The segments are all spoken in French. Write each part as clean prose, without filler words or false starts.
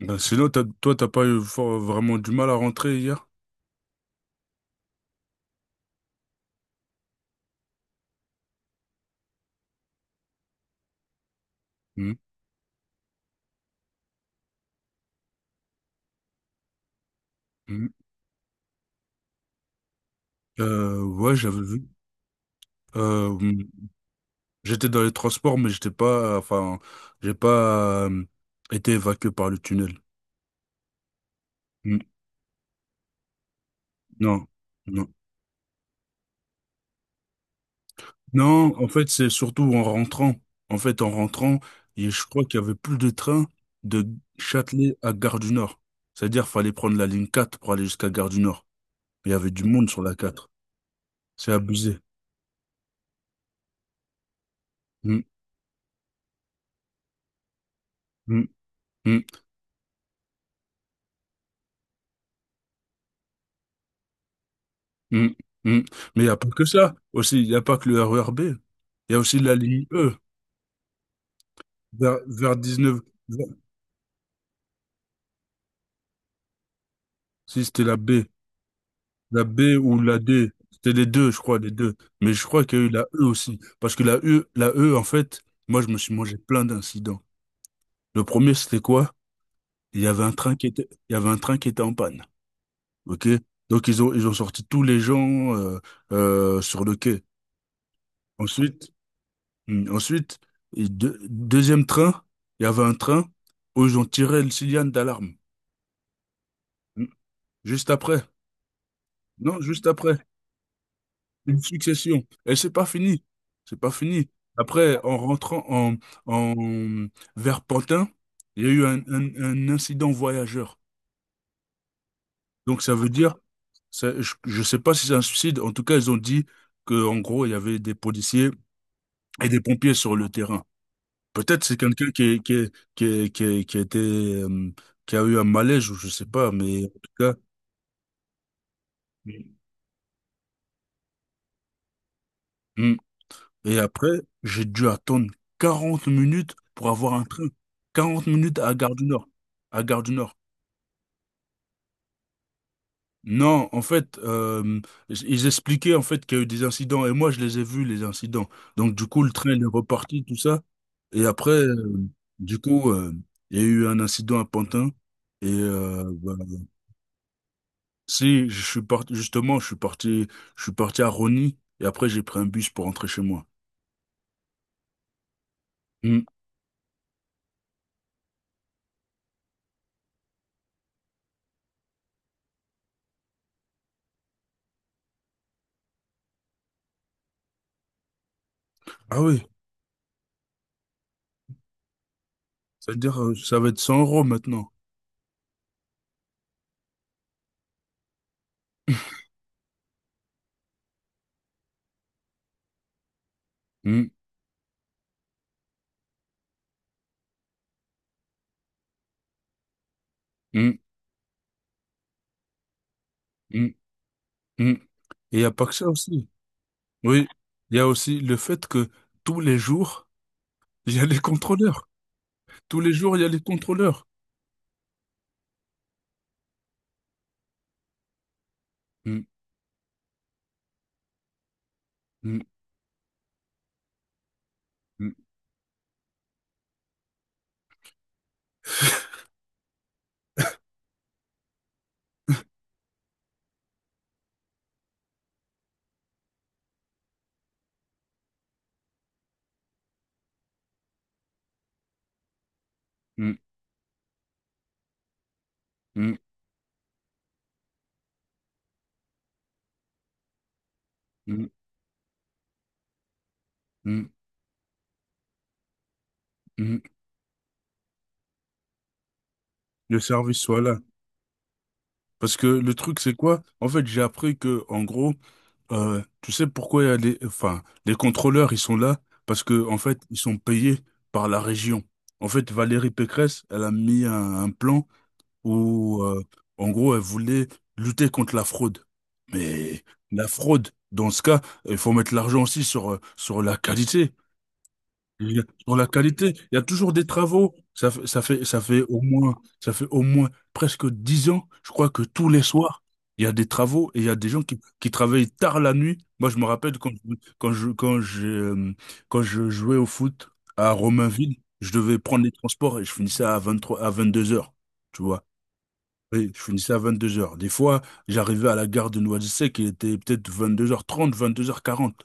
Ben, sinon, t'as, toi, t'as pas eu vraiment du mal à rentrer hier? Mhm, mhm. Ouais, j'avais vu. Mhm. J'étais dans les transports, mais j'étais pas, enfin, j'ai pas été évacué par le tunnel. Mhm. Non, non. Non, en fait, c'est surtout en rentrant. En fait, en rentrant, et je crois qu'il y avait plus de train de Châtelet à Gare du Nord. C'est-à-dire, fallait prendre la ligne 4 pour aller jusqu'à Gare du Nord. Il y avait du monde sur la 4. C'est abusé. Mhm, mhm, mhm. Mm, mm. Mais il n'y a pas que ça aussi, il n'y a pas que le RERB. Il y a aussi la ligne E vers 19. vers- Si c'était la B ou la D, c'était les deux, je crois, les deux. Mais je crois qu'il y a eu la E aussi. Parce que la E, en fait, moi, je me suis mangé plein d'incidents. Le premier, c'était quoi? Il y avait un train qui était, il y avait un train qui était en panne. OK? Donc, ils ont sorti tous les gens sur le quai. Ensuite, Ensuite, et deuxième train, il y avait un train où ils ont tiré le signal d'alarme. Hmm, Juste après. Non, juste après. Une succession. Et c'est pas fini. C'est pas fini. Après, en rentrant en, en vers Pantin, il y a eu un incident voyageur. Donc ça veut dire, je sais pas si c'est un suicide. En tout cas, ils ont dit que, en gros, il y avait des policiers et des pompiers sur le terrain. Peut-être c'est quelqu'un qui a eu un malaise ou je sais pas, mais en tout cas. Mm. Et après, j'ai dû attendre 40 minutes pour avoir un train. 40 minutes à Gare du Nord. À Gare du Nord. Non, en fait, ils expliquaient en fait qu'il y a eu des incidents et moi je les ai vus les incidents. Donc du coup, le train il est reparti, tout ça. Et après, du coup, il y a eu un incident à Pantin et bah, si, je suis parti, justement, je suis parti, à Rony et après j'ai pris un bus pour rentrer chez moi. Hmm. Ah oui, c'est-à-dire, ça va être 100 euros maintenant. Hmm, hmm, hmm, hmm. Et il n'y a pas que ça aussi. Oui, il y a aussi le fait que tous les jours, il y a les contrôleurs. Tous les jours, il y a les contrôleurs. Hmm, hmm, hmm, hmm, hmm, hmm, hmm, hmm. Le service soit là. Parce que le truc, c'est quoi? En fait, j'ai appris que, en gros, tu sais pourquoi il y a les, enfin, les contrôleurs, ils sont là parce que, en fait, ils sont payés par la région. En fait, Valérie Pécresse, elle a mis un plan où, en gros, elle voulait lutter contre la fraude. Mais la fraude, dans ce cas, il faut mettre l'argent aussi sur la qualité. Pour la qualité, il y a toujours des travaux. Ça fait au moins presque 10 ans. Je crois que tous les soirs, il y a des travaux et il y a des gens qui travaillent tard la nuit. Moi, je me rappelle quand, quand je, quand j'ai, euh, quand je jouais au foot à Romainville, je devais prendre les transports et je finissais à 23h à 22h. Tu vois? Oui, je finissais à 22h. Des fois, j'arrivais à la gare de Noisy-le-Sec, il était peut être 22h30, 22h40.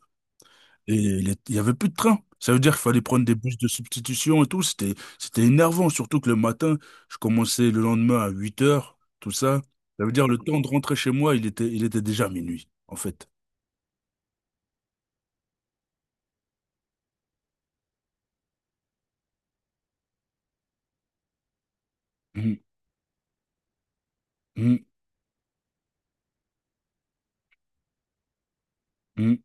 Il y avait plus de train. Ça veut dire qu'il fallait prendre des bus de substitution et tout. C'était énervant, surtout que le matin, je commençais le lendemain à 8h, tout ça. Ça veut dire le temps de rentrer chez moi, il était déjà minuit, en fait. Mhm, mhm, mhm.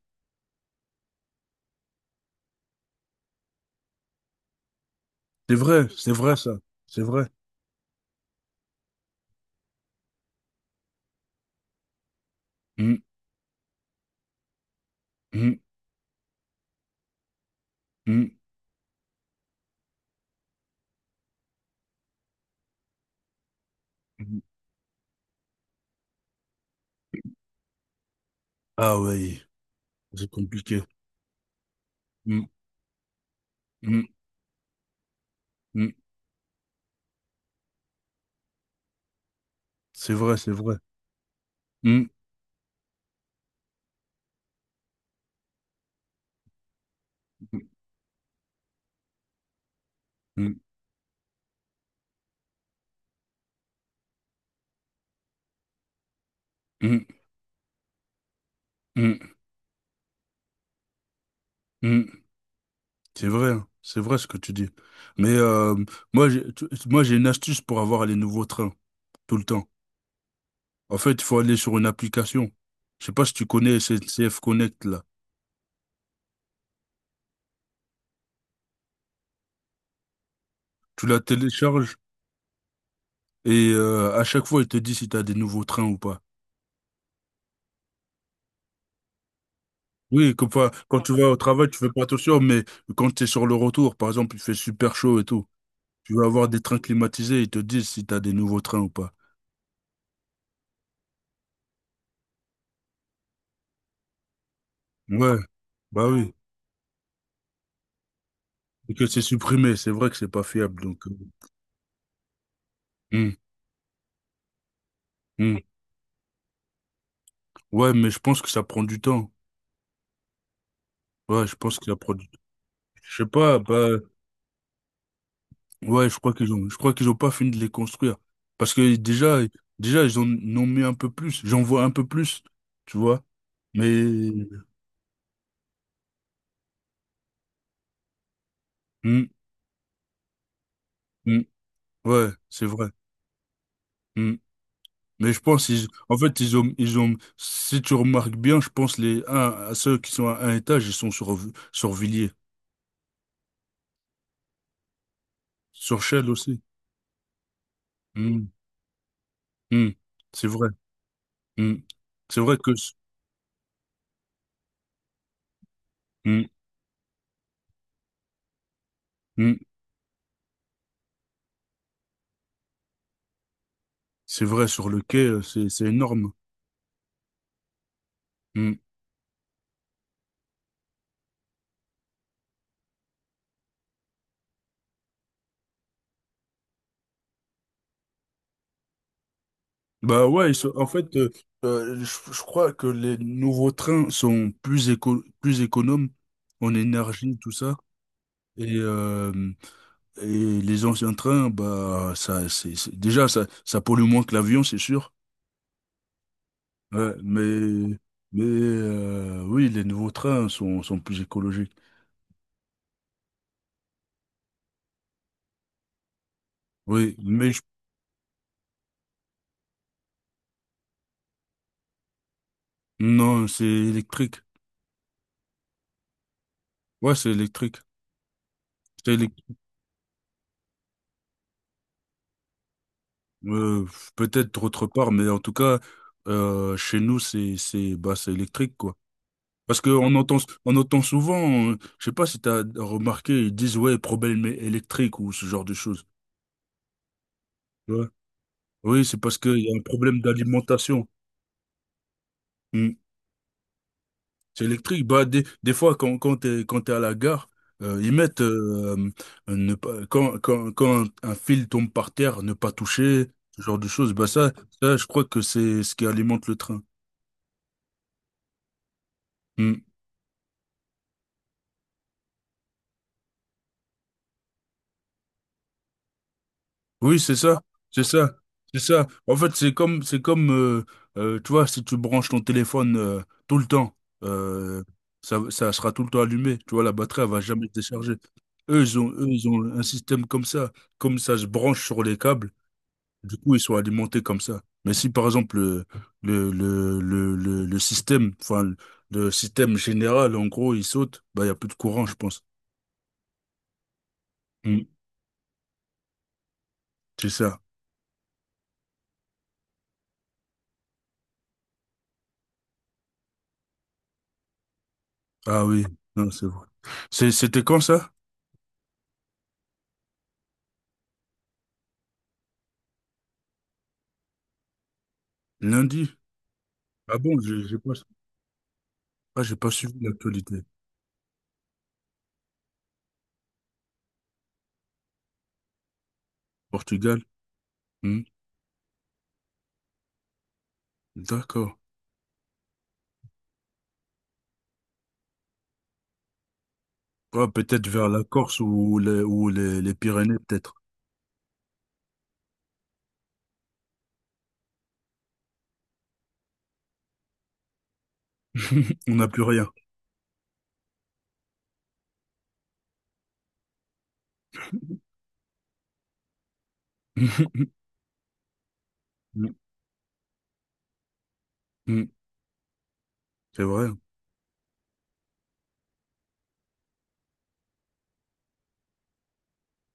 C'est vrai ça. C'est vrai. Mhm, mhm, mhm, mhm. Ah oui, c'est compliqué. Mhm, mhm, mhm. C'est vrai, c'est vrai. Mhm, mhm, mhm, mhm, mhm. C'est vrai, hein, c'est vrai ce que tu dis. Mais moi, j'ai une astuce pour avoir les nouveaux trains tout le temps. En fait, il faut aller sur une application. Je sais pas si tu connais SNCF Connect là. Tu la télécharges et à chaque fois, il te dit si tu as des nouveaux trains ou pas. Oui, comme ça, quand tu vas au travail, tu fais pas attention, mais quand tu es sur le retour, par exemple, il fait super chaud et tout. Tu vas avoir des trains climatisés, ils te disent si tu as des nouveaux trains ou pas. Ouais, bah oui. Et que c'est supprimé, c'est vrai que c'est pas fiable. Donc, hum, hum. Ouais, mais je pense que ça prend du temps. Ouais, je pense que ça prend du temps. Je sais pas, bah, ouais, je crois qu'ils ont pas fini de les construire. Parce que déjà, ils en ont mis un peu plus. J'en vois un peu plus, tu vois. Mais, hmm, hmm, ouais, c'est vrai. Hmm. Mais je pense, ils, en fait, si tu remarques bien, je pense les un, à ceux qui sont à un étage, ils sont sur Villiers. Sur Chelles aussi. Hmm, hmm. C'est vrai. Hmm. C'est vrai que, hmm, hmm. C'est vrai, sur le quai, c'est énorme. Mm. Bah ouais, en fait, je crois que les nouveaux trains sont plus plus économes en énergie, tout ça. Et, euh, et les anciens trains, bah ça, déjà ça, pollue moins que l'avion, c'est sûr. Ouais, mais oui, les nouveaux trains sont plus écologiques. Oui, mais non, c'est électrique. Ouais, c'est électrique. C'est électrique. Euh, Peut-être autre part, mais en tout cas, chez nous, bah, c'est électrique, quoi. Parce que on entend souvent, je sais pas si t'as remarqué, ils disent, ouais, problème électrique ou ce genre de choses. Tu vois. Oui, c'est parce qu'il y a un problème d'alimentation. Hmm. C'est électrique. Bah, des fois, quand t'es à la gare, ils mettent, ne pas, quand un fil tombe par terre, ne pas toucher, ce genre de choses. Bah, ça, je crois que c'est ce qui alimente le train. Mmh. Oui, c'est ça, c'est ça, c'est ça. En fait, c'est comme, tu vois, si tu branches ton téléphone tout le temps, euh, ça sera tout le temps allumé. Tu vois, la batterie, elle va jamais se décharger. Eux, ils ont un système comme ça. Comme ça se branche sur les câbles, du coup, ils sont alimentés comme ça. Mais si, par exemple, le système, enfin, le système général, en gros, il saute, bah, il n'y a plus de courant, je pense. Mm. C'est ça. Ah oui, non, c'est vrai. C'était quand ça? Lundi? Ah bon, j'ai pas suivi l'actualité. Portugal? Hmm, d'accord. Ah, peut-être vers la Corse ou les Pyrénées, peut-être. On n'a plus rien. Hmm, hmm. C'est vrai.